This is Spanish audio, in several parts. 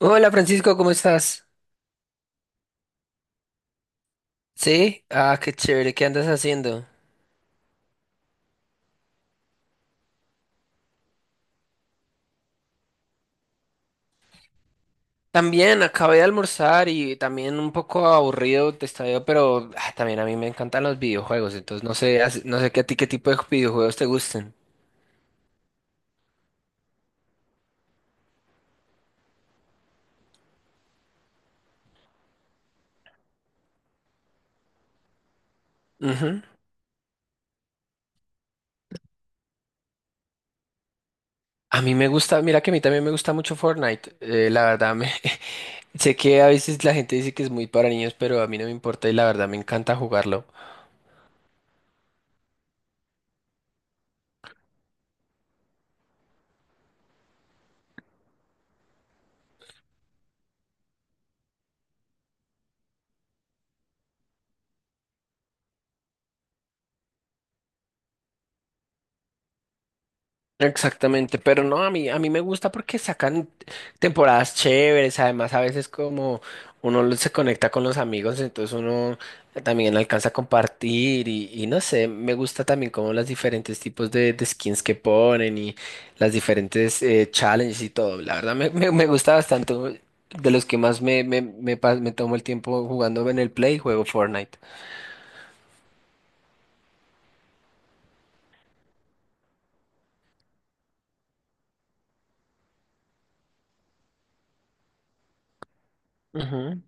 Hola Francisco, ¿cómo estás? Sí, qué chévere, ¿qué andas haciendo? También acabé de almorzar y también un poco aburrido te estaba, pero también a mí me encantan los videojuegos, entonces no sé, no sé qué a ti qué tipo de videojuegos te gusten. Ujú. A mí me gusta, mira que a mí también me gusta mucho Fortnite, la verdad me sé que a veces la gente dice que es muy para niños, pero a mí no me importa y la verdad me encanta jugarlo. Exactamente, pero no, a mí me gusta porque sacan temporadas chéveres, además a veces como se conecta con los amigos, entonces uno también alcanza a compartir y no sé, me gusta también como los diferentes tipos de skins que ponen y las diferentes challenges y todo, la verdad me gusta bastante, de los que más me tomo el tiempo jugando en el Play, juego Fortnite. Ujú.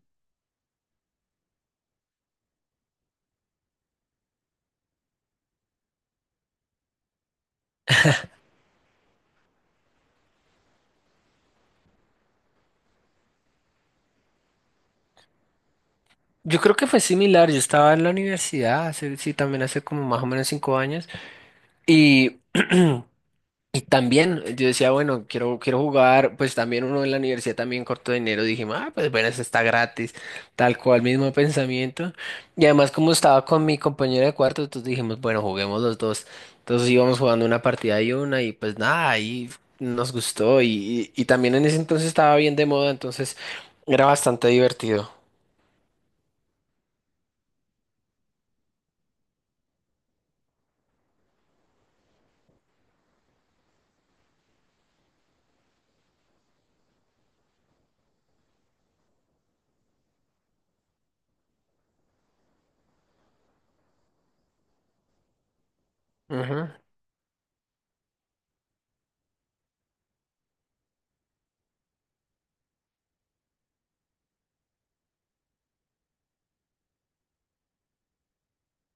Yo creo que fue similar, yo estaba en la universidad, hace, sí, también hace como más o menos 5 años. Y, y también yo decía, bueno, quiero jugar, pues también uno en la universidad también corto de dinero, dije, pues bueno, eso está gratis, tal cual, mismo pensamiento. Y además como estaba con mi compañero de cuarto, entonces dijimos, bueno, juguemos los dos. Entonces íbamos jugando una partida y una y pues nada, ahí nos gustó y también en ese entonces estaba bien de moda, entonces era bastante divertido.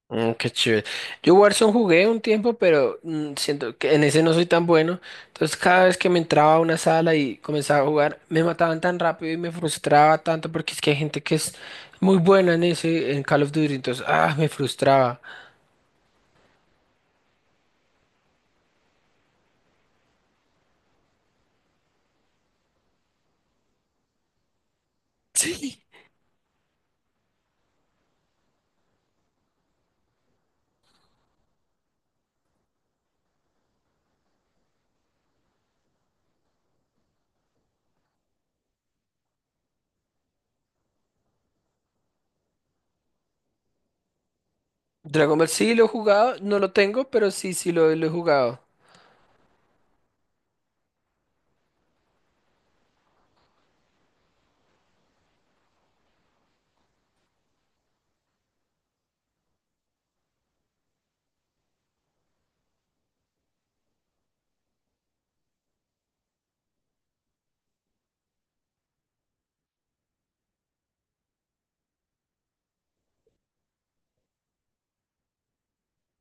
Mm, qué chévere. Yo Warzone jugué un tiempo, pero siento que en ese no soy tan bueno. Entonces cada vez que me entraba a una sala y comenzaba a jugar, me mataban tan rápido y me frustraba tanto porque es que hay gente que es muy buena en ese, en Call of Duty. Entonces, me frustraba. Sí. Dragon Ball sí lo he jugado, no lo tengo, pero sí, sí lo he jugado.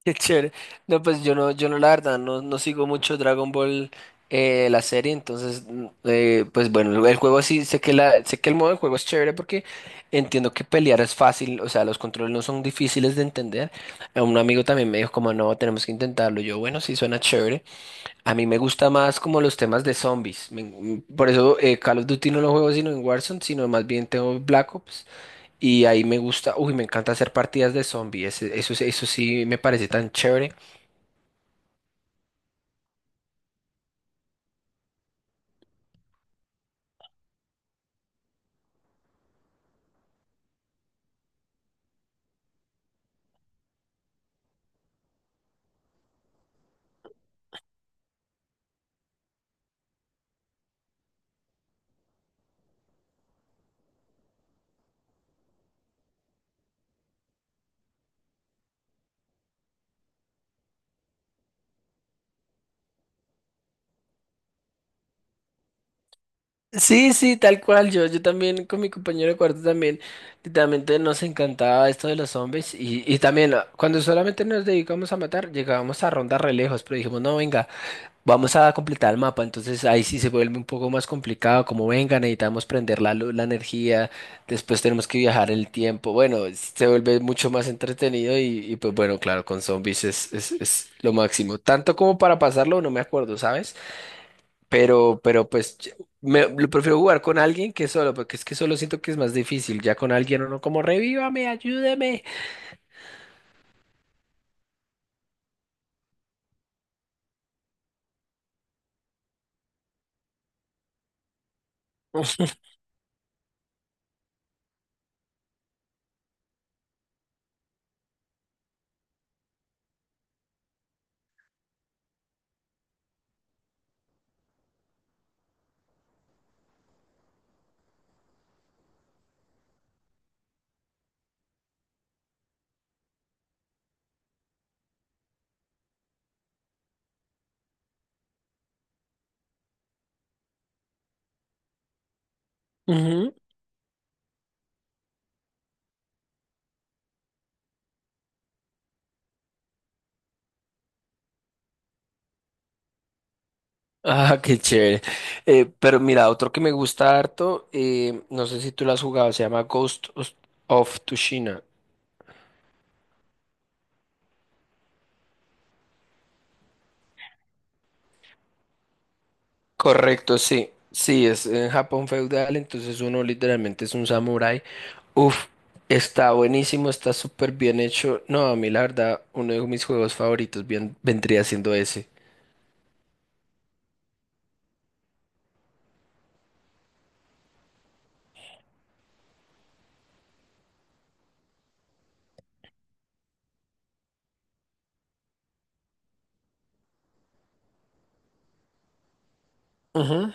Qué chévere. No, pues yo no, la verdad, no sigo mucho Dragon Ball, la serie, entonces, pues bueno, el juego sí, sé que el modo de juego es chévere porque entiendo que pelear es fácil, o sea, los controles no son difíciles de entender. A Un amigo también me dijo como, no, tenemos que intentarlo. Yo, bueno, sí, suena chévere. A mí me gusta más como los temas de zombies. Por eso Call of Duty no lo juego sino en Warzone, sino más bien tengo Black Ops. Y ahí me gusta, uy, me encanta hacer partidas de zombies. Eso sí me parece tan chévere. Sí, sí, tal cual. Yo también con mi compañero de cuarto también, literalmente nos encantaba esto de los zombies. Y también cuando solamente nos dedicamos a matar, llegábamos a rondar re lejos, pero dijimos, no, venga, vamos a completar el mapa. Entonces ahí sí se vuelve un poco más complicado, como venga, necesitamos prender la luz, la energía, después tenemos que viajar el tiempo. Bueno, se vuelve mucho más entretenido y pues bueno, claro, con zombies es lo máximo. Tanto como para pasarlo, no me acuerdo, ¿sabes? Pero pues lo prefiero jugar con alguien que solo, porque es que solo siento que es más difícil. Ya con alguien uno como revívame, ayúdeme. Ujú. Ah, qué chévere. Pero mira, otro que me gusta harto, no sé si tú lo has jugado, se llama Ghost of Tsushima. Correcto, sí. Sí, es en Japón feudal, entonces uno literalmente es un samurái. Uf, está buenísimo, está súper bien hecho. No, a mí la verdad, uno de mis juegos favoritos bien, vendría siendo ese. Ujú.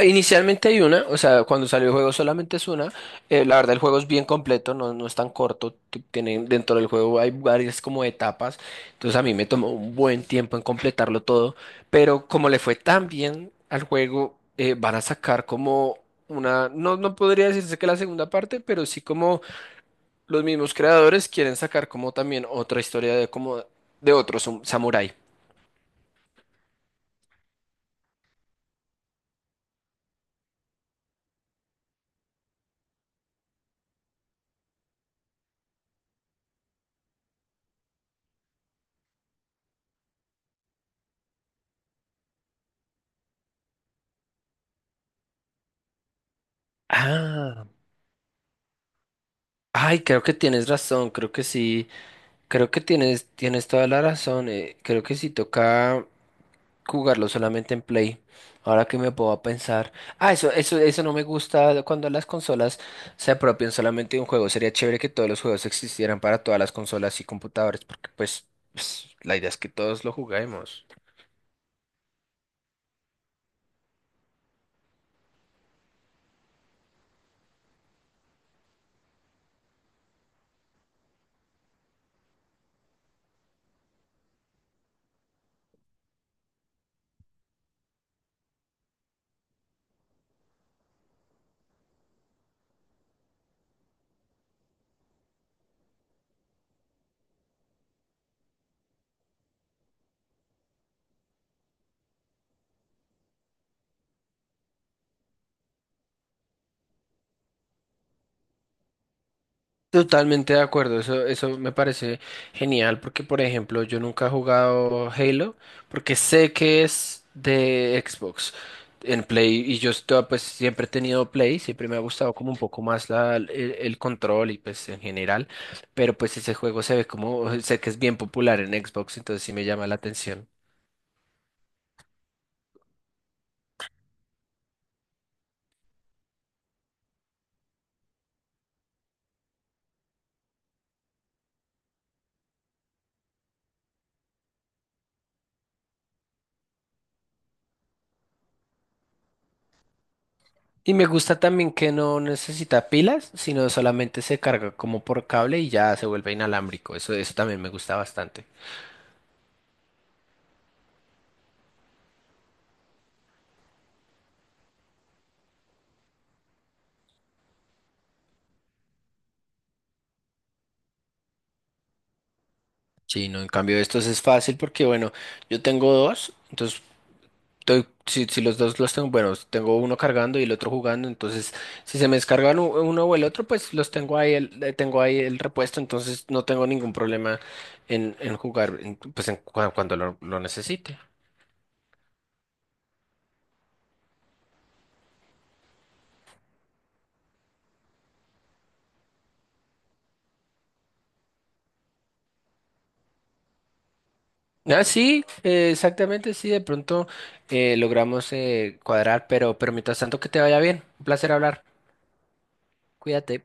Inicialmente hay una, o sea, cuando salió el juego solamente es una. La verdad el juego es bien completo, no, no es tan corto. Tienen, dentro del juego hay varias como etapas. Entonces a mí me tomó un buen tiempo en completarlo todo. Pero como le fue tan bien al juego, van a sacar como una, no, no podría decirse que la segunda parte, pero sí como los mismos creadores quieren sacar como también otra historia de como de otro samurái. Ah, Ay, creo que tienes razón, creo que sí. Creo que tienes toda la razón. Creo que sí toca jugarlo solamente en Play. Ahora que me puedo pensar. Ah, eso no me gusta cuando las consolas se apropian solamente de un juego. Sería chévere que todos los juegos existieran para todas las consolas y computadores, porque pues, la idea es que todos lo juguemos. Totalmente de acuerdo, eso me parece genial porque, por ejemplo, yo nunca he jugado Halo porque sé que es de Xbox en Play y yo estoy, pues siempre he tenido Play, siempre me ha gustado como un poco más el control y pues en general, pero pues ese juego se ve como, sé que es bien popular en Xbox, entonces sí me llama la atención. Y me gusta también que no necesita pilas, sino solamente se carga como por cable y ya se vuelve inalámbrico, eso también me gusta bastante. Sí, no, en cambio estos es fácil porque, bueno, yo tengo dos, entonces si los dos los tengo, bueno, tengo uno cargando y el otro jugando, entonces si se me descargan uno o el otro, pues los tengo ahí, tengo ahí el repuesto, entonces no tengo ningún problema en jugar, pues cuando lo necesite. Ah, sí, exactamente, sí, de pronto logramos cuadrar, pero mientras tanto que te vaya bien, un placer hablar, cuídate.